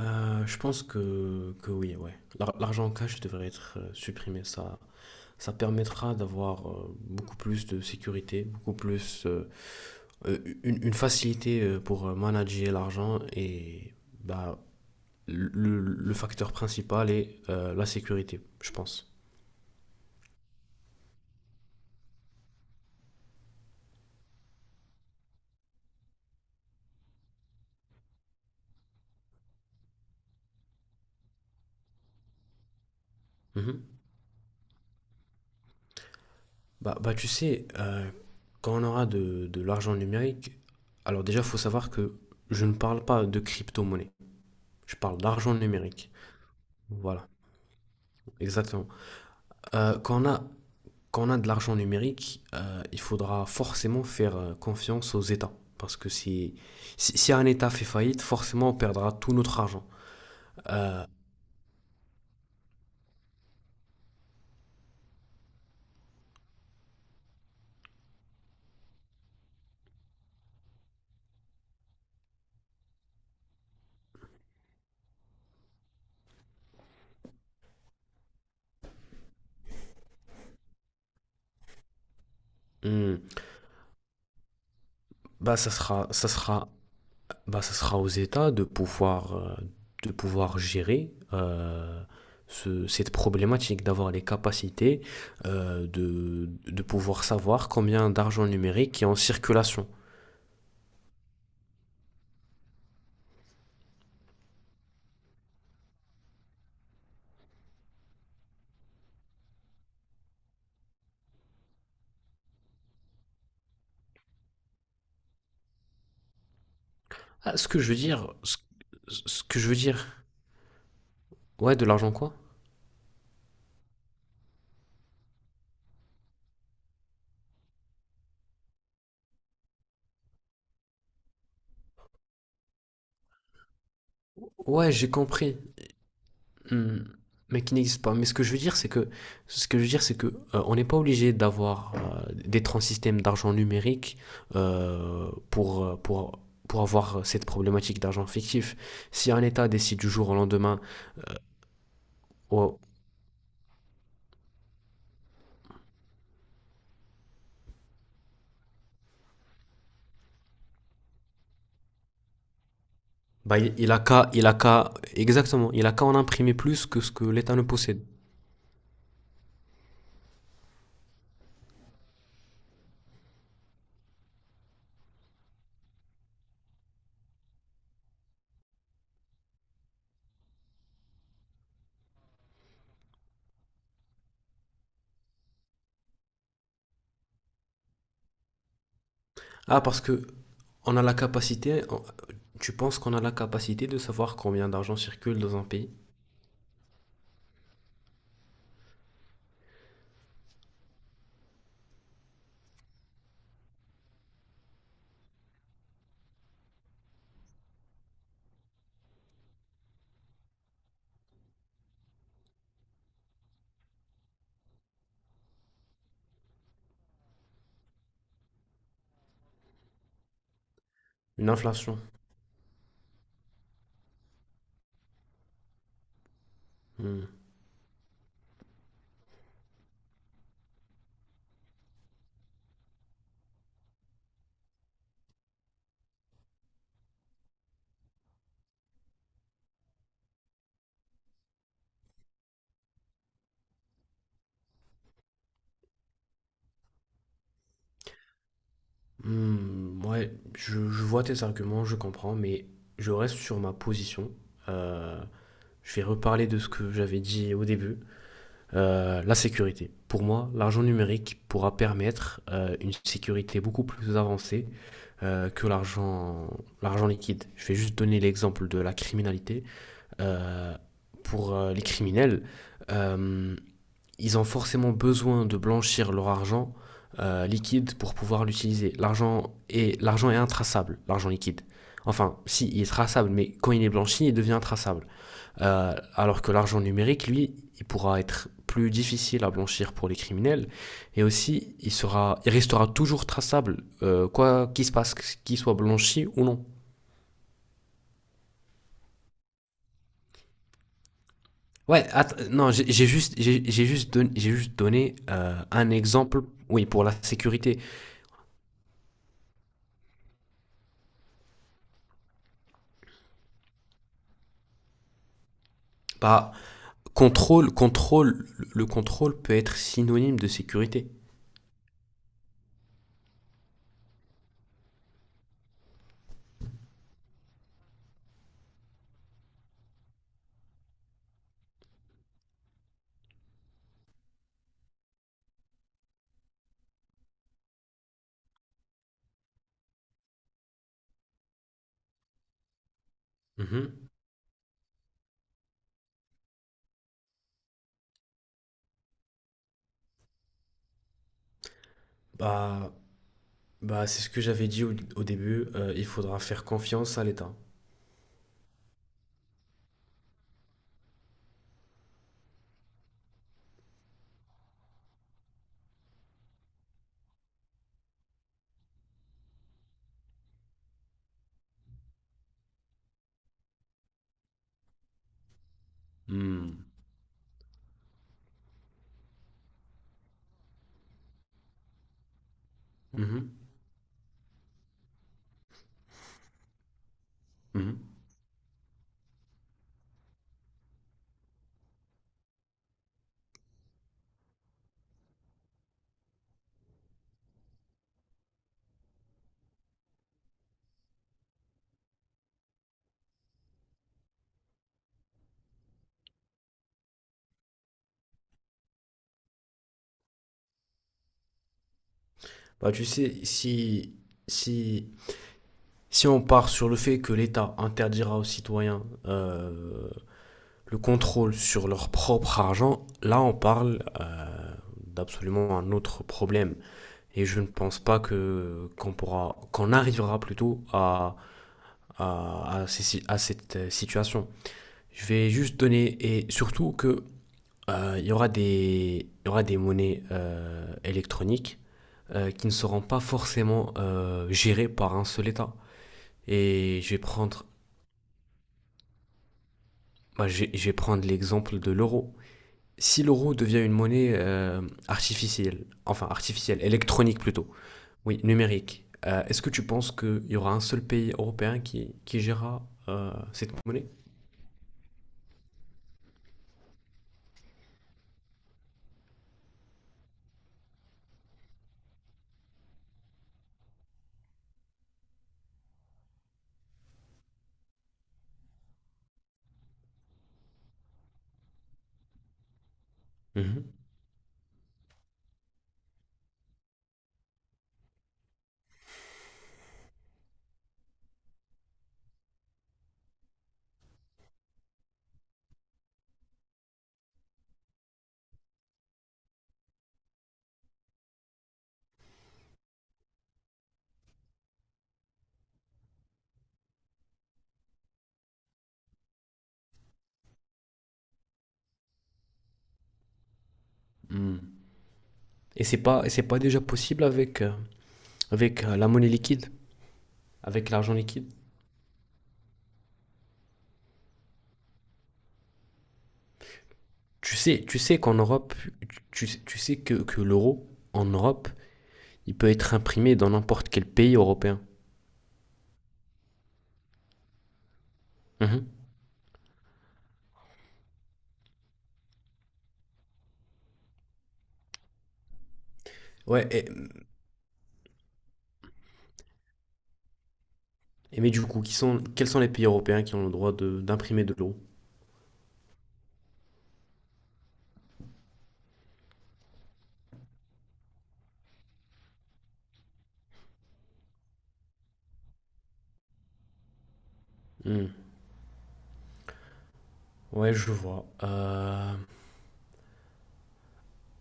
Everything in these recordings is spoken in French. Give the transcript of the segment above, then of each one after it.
Je pense que oui, ouais. L'argent en cash devrait être supprimé. Ça permettra d'avoir beaucoup plus de sécurité, beaucoup plus une facilité pour manager l'argent et bah, le, le facteur principal est la sécurité, je pense. Mhm. Bah, tu sais, quand on aura de l'argent numérique, alors déjà, il faut savoir que je ne parle pas de crypto-monnaie, je parle d'argent numérique. Voilà, exactement. Euh, quand on a, quand on a de l'argent numérique, il faudra forcément faire confiance aux États. Parce que si un État fait faillite, forcément on perdra tout notre argent. Hmm. Bah, ça sera, ça sera, bah, ça sera aux États de pouvoir gérer cette problématique, d'avoir les capacités de pouvoir savoir combien d'argent numérique est en circulation. Ah, ce que je veux dire, ce, ce que je veux dire, ouais, de l'argent quoi? Ouais, j'ai compris. Hmm. Mais qui n'existe pas. Mais ce que je veux dire, ce que je veux dire, c'est que on n'est pas obligé d'avoir d'être en système d'argent numérique euh, pour, euh, pour, pour avoir cette problématique d'argent fictif. Si un État décide du jour au lendemain, oh, bah, il a qu'à, il a qu'à, exactement, il a qu'à en imprimer plus que ce que l'État ne possède. Ah, parce que on a la capacité, on- tu penses qu'on a la capacité de savoir combien d'argent circule dans un pays? Une inflation. Hmm. Hmm, ouais, je vois tes arguments, je comprends, mais je reste sur ma position. Euh, je vais reparler de ce que j'avais dit au début. La sécurité. Pour moi, l'argent numérique pourra permettre une sécurité beaucoup plus avancée euh, que l'argent, l'argent liquide. Je vais juste donner l'exemple de la criminalité. Euh, pour les criminels, euh, ils ont forcément besoin de blanchir leur argent liquide pour pouvoir l'utiliser. L'argent est intraçable, l'argent liquide. Enfin, si, il est traçable, mais quand il est blanchi, il devient intraçable. Alors que l'argent numérique, lui, il pourra être plus difficile à blanchir pour les criminels, et aussi, il restera toujours traçable, quoi qu'il se passe, qu'il soit blanchi ou non. Ouais, non, j'ai juste donné un exemple, oui, pour la sécurité. Bah, contrôle, contrôle, le contrôle peut être synonyme de sécurité. Mhm. Bah, bah, c'est ce que j'avais dit au début, il faudra faire confiance à l'État. Mhm. Mhm, mhm. Bah, tu sais, si, si on part sur le fait que l'État interdira aux citoyens le contrôle sur leur propre argent, là on parle d'absolument un autre problème. Et je ne pense pas que qu'on arrivera plutôt à ces- si, à cette situation. Je vais juste donner, et surtout que il y aura des monnaies électroniques qui ne seront pas forcément gérées par un seul État. Et je vais prendre, je vais prendre l'exemple de l'euro. Si l'euro devient une monnaie artificielle, enfin artificielle, électronique plutôt, oui, numérique, est-ce que tu penses qu'il y aura un seul pays européen qui gérera cette monnaie. Mhm. Mm. Et c'est pas déjà possible avec, la monnaie liquide, avec l'argent liquide. Tu sais qu'en Europe, tu sais que l'euro, en Europe, il peut être imprimé dans n'importe quel pays européen. Mhm. Ouais, et mais du coup, quels sont les pays européens qui ont le droit d'imprimer de, l'euro. Hmm. Ouais, je vois.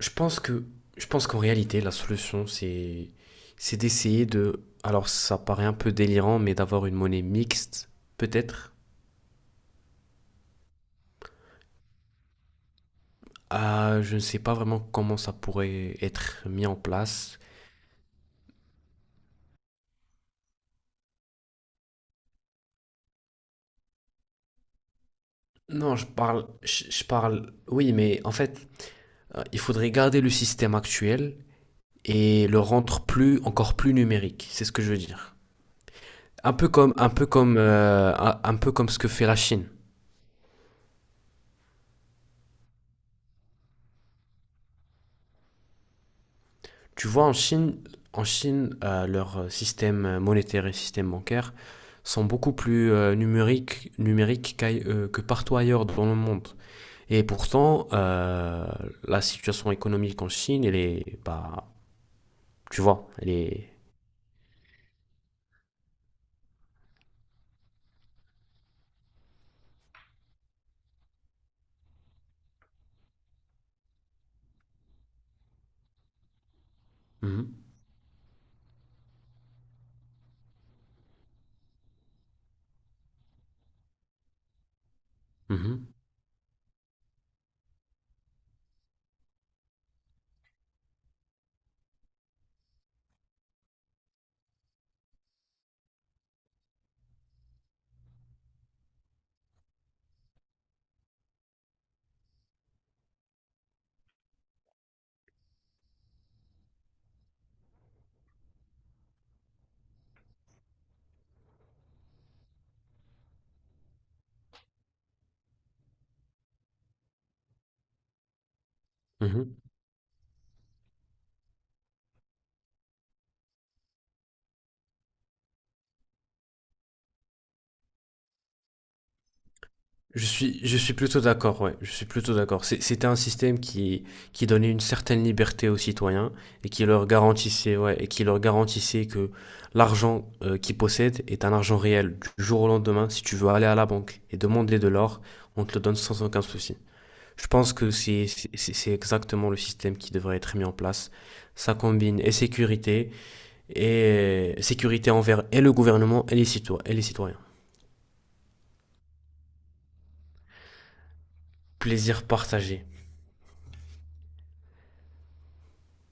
je pense que, je pense qu'en réalité, la solution, c'est d'essayer de, alors ça paraît un peu délirant, mais d'avoir une monnaie mixte, peut-être. Je ne sais pas vraiment comment ça pourrait être mis en place. Non, je parle, oui, mais en fait, il faudrait garder le système actuel et le rendre plus, encore plus numérique. C'est ce que je veux dire. Un peu comme ce que fait la Chine. Tu vois, en Chine, leur système monétaire et système bancaire sont beaucoup plus numériques que partout ailleurs dans le monde. Et pourtant, la situation économique en Chine, elle est, bah, tu vois, elle est. Mhm, mhm, mhm. Je suis plutôt d'accord, ouais, je suis plutôt d'accord. C'était un système qui donnait une certaine liberté aux citoyens et qui leur garantissait, ouais, et qui leur garantissait que l'argent qu'ils possèdent est un argent réel. Du jour au lendemain, si tu veux aller à la banque et demander de l'or, on te le donne sans aucun souci. Je pense que c'est exactement le système qui devrait être mis en place. Ça combine et sécurité envers et le gouvernement et les citoyens, et les citoyens. Plaisir partagé.